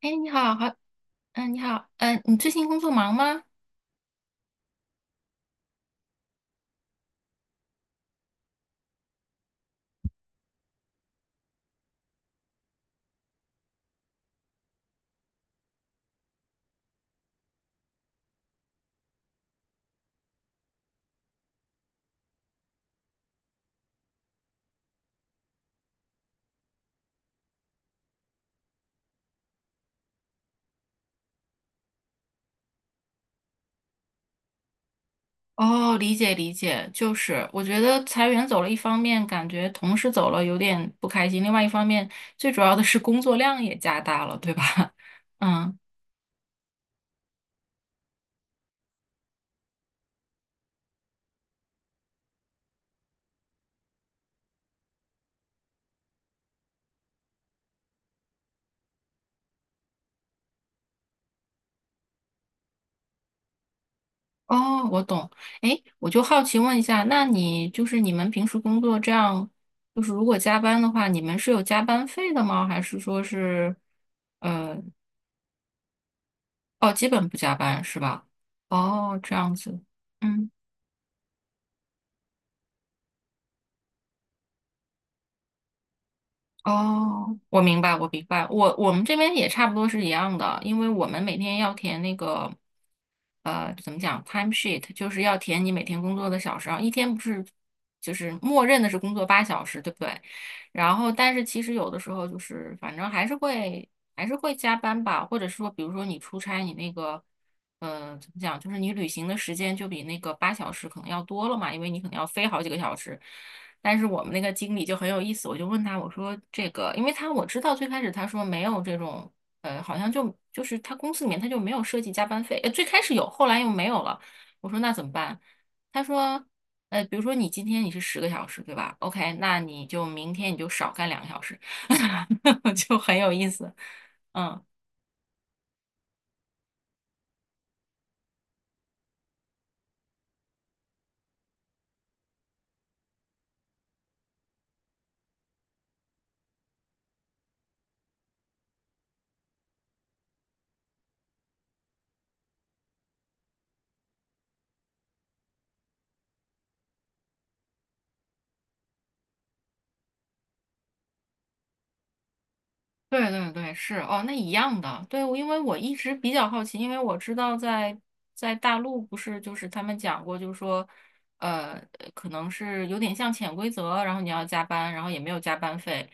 哎，你好，好，嗯，你好，嗯，你最近工作忙吗？哦，理解理解，就是我觉得裁员走了，一方面感觉同事走了有点不开心，另外一方面最主要的是工作量也加大了，对吧？嗯，哦，我懂。哎，我就好奇问一下，那你就是你们平时工作这样，就是如果加班的话，你们是有加班费的吗？还是说是呃，哦，基本不加班是吧？哦，这样子。嗯。哦，我明白，我明白，我们这边也差不多是一样的，因为我们每天要填那个，怎么讲，time sheet，就是要填你每天工作的小时，然后一天不是就是默认的是工作八小时，对不对？然后但是其实有的时候就是反正还是会加班吧，或者说比如说你出差，你那个，怎么讲，就是你旅行的时间就比那个八小时可能要多了嘛，因为你可能要飞好几个小时。但是我们那个经理就很有意思，我就问他，我说这个，因为他我知道最开始他说没有这种，好像就是他公司里面他就没有设计加班费，最开始有，后来又没有了。我说那怎么办？他说，比如说你今天你是10个小时，对吧？OK，那你就明天你就少干2个小时，就很有意思，嗯。对对对，是哦，那一样的。对，我因为我一直比较好奇，因为我知道在大陆不是就是他们讲过，就是说，呃，可能是有点像潜规则，然后你要加班，然后也没有加班费，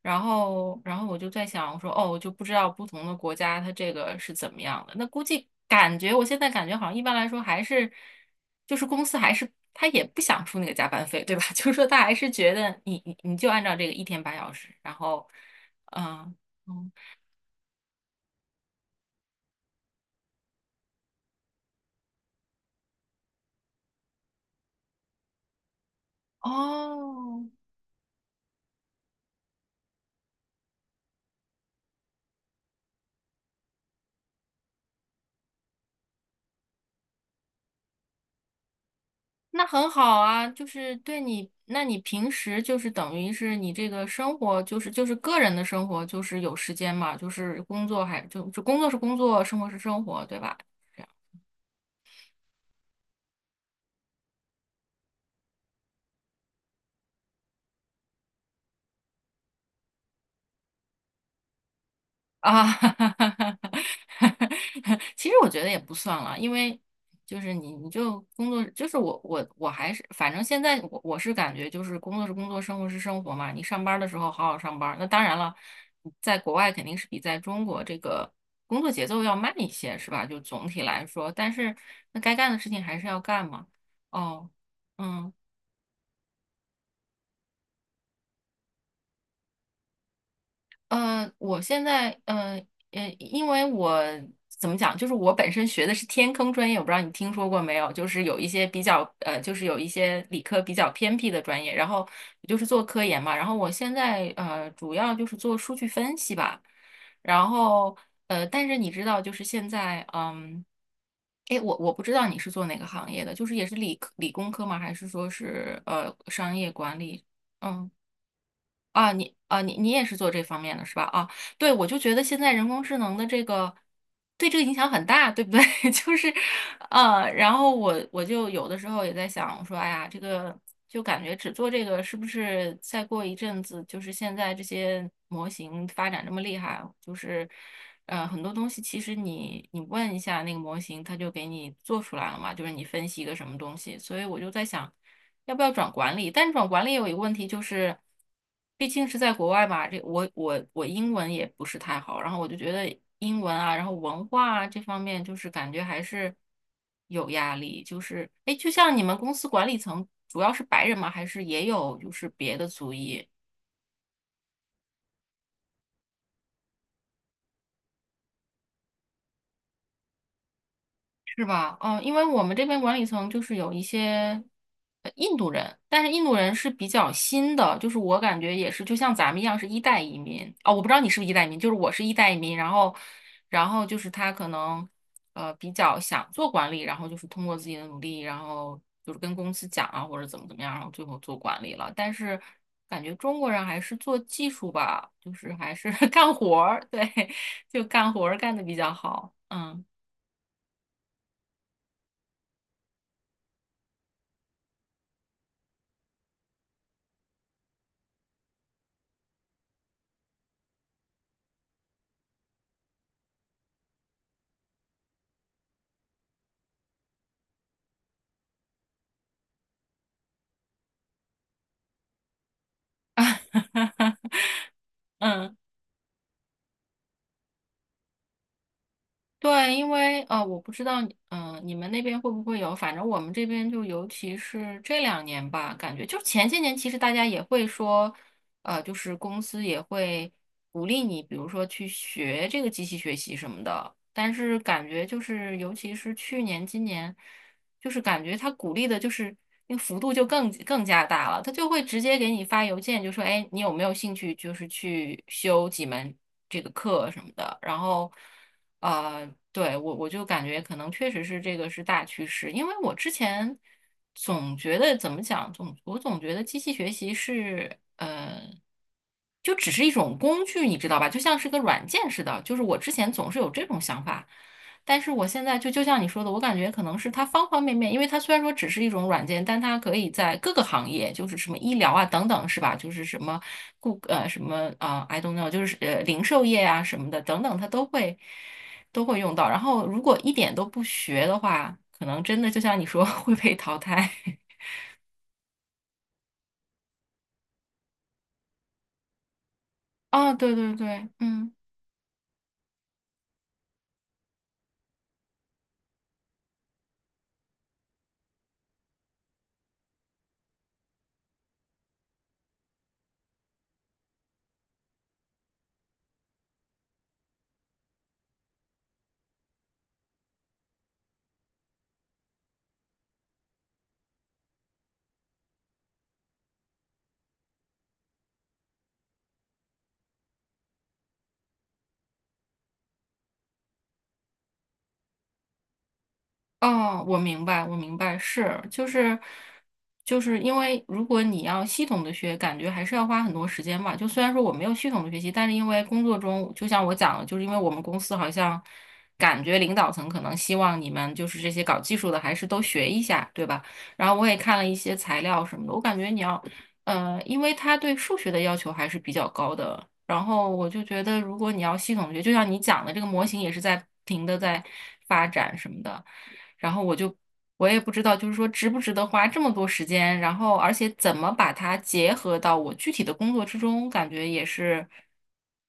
然后我就在想，我说哦，我就不知道不同的国家它这个是怎么样的。那估计感觉我现在感觉好像一般来说还是就是公司还是他也不想出那个加班费，对吧？就是说他还是觉得你就按照这个一天八小时，然后。嗯，哦，哦，那很好啊，就是对你，那你平时就是等于是你这个生活，就是个人的生活，就是有时间嘛，就是工作还就工作是工作，生活是生活，对吧？啊，其实我觉得也不算了，因为就是你就工作，就是我还是反正现在我是感觉就是工作是工作，生活是生活嘛。你上班儿的时候好好上班儿那当然了，在国外肯定是比在中国这个工作节奏要慢一些，是吧？就总体来说，但是那该干的事情还是要干嘛。哦，嗯。我现在，因为我怎么讲，就是我本身学的是天坑专业，我不知道你听说过没有，就是有一些比较，就是有一些理科比较偏僻的专业，然后就是做科研嘛，然后我现在，主要就是做数据分析吧，然后，但是你知道，就是现在，哎，我不知道你是做哪个行业的，就是也是理科理工科吗？还是说是商业管理？嗯。啊，你啊，你也是做这方面的是吧？啊，对，我就觉得现在人工智能的这个对这个影响很大，对不对？就是，然后我就有的时候也在想，我说，哎呀，这个就感觉只做这个是不是再过一阵子，就是现在这些模型发展这么厉害，就是，很多东西其实你问一下那个模型，它就给你做出来了嘛，就是你分析一个什么东西，所以我就在想。要不要转管理？但转管理有一个问题就是，毕竟是在国外嘛，这我英文也不是太好，然后我就觉得英文啊，然后文化啊这方面，就是感觉还是有压力。就是哎，诶就像你们公司管理层主要是白人吗？还是也有就是别的族裔？是吧？嗯，因为我们这边管理层就是有一些印度人，但是印度人是比较新的，就是我感觉也是，就像咱们一样是一代移民哦，我不知道你是不是一代移民，就是我是一代移民，然后就是他可能比较想做管理，然后就是通过自己的努力，然后就是跟公司讲啊或者怎么怎么样，然后最后做管理了。但是感觉中国人还是做技术吧，就是还是 干活儿，对，就干活儿干的比较好，嗯。嗯，对，因为我不知道，你们那边会不会有？反正我们这边就，尤其是这两年吧，感觉就前些年，其实大家也会说，就是公司也会鼓励你，比如说去学这个机器学习什么的。但是感觉就是，尤其是去年、今年。就是感觉他鼓励的就是那个幅度就更加大了，他就会直接给你发邮件，就说，哎，你有没有兴趣就是去修几门这个课什么的，然后，对，我就感觉可能确实是这个是大趋势，因为我之前总觉得怎么讲，我总觉得机器学习是。就只是一种工具，你知道吧？就像是个软件似的。就是我之前总是有这种想法，但是我现在就像你说的，我感觉可能是它方方面面，因为它虽然说只是一种软件，但它可以在各个行业，就是什么医疗啊等等，是吧？就是什么什么啊、i don't know，就是零售业啊什么的等等，它都会用到。然后如果一点都不学的话，可能真的就像你说 会被淘汰。哦，对对对，嗯。哦，我明白，我明白，是，就是因为如果你要系统的学，感觉还是要花很多时间吧。就虽然说我没有系统的学习，但是因为工作中，就像我讲的，就是因为我们公司好像感觉领导层可能希望你们就是这些搞技术的还是都学一下，对吧？然后我也看了一些材料什么的，我感觉你要，因为他对数学的要求还是比较高的。然后我就觉得，如果你要系统地学，就像你讲的，这个模型也是在不停的在发展什么的。然后我也不知道，就是说值不值得花这么多时间，然后而且怎么把它结合到我具体的工作之中，感觉也是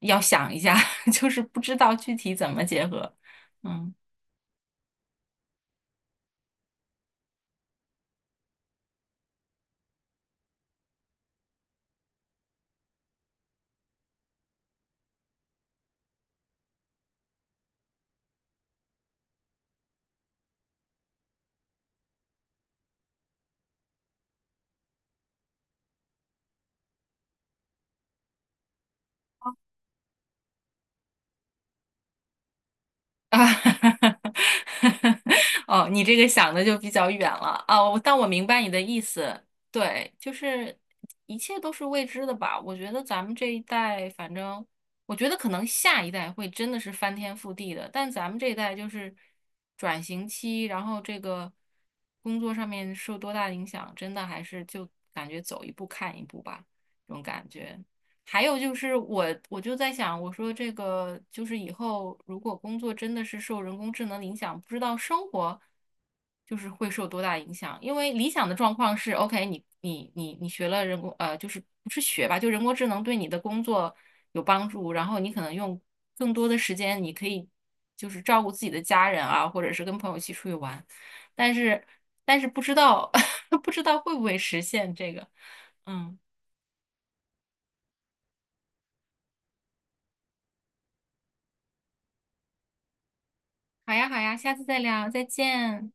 要想一下，就是不知道具体怎么结合，嗯。啊，哦，你这个想的就比较远了啊，但我明白你的意思，对，就是一切都是未知的吧？我觉得咱们这一代，反正我觉得可能下一代会真的是翻天覆地的，但咱们这一代就是转型期，然后这个工作上面受多大影响，真的还是就感觉走一步看一步吧，这种感觉。还有就是我就在想，我说这个就是以后如果工作真的是受人工智能影响，不知道生活就是会受多大影响。因为理想的状况是，OK，你学了就是不是学吧，就人工智能对你的工作有帮助，然后你可能用更多的时间，你可以就是照顾自己的家人啊，或者是跟朋友一起出去玩。但是但是不知道 不知道会不会实现这个，嗯。好呀，好呀，下次再聊，再见。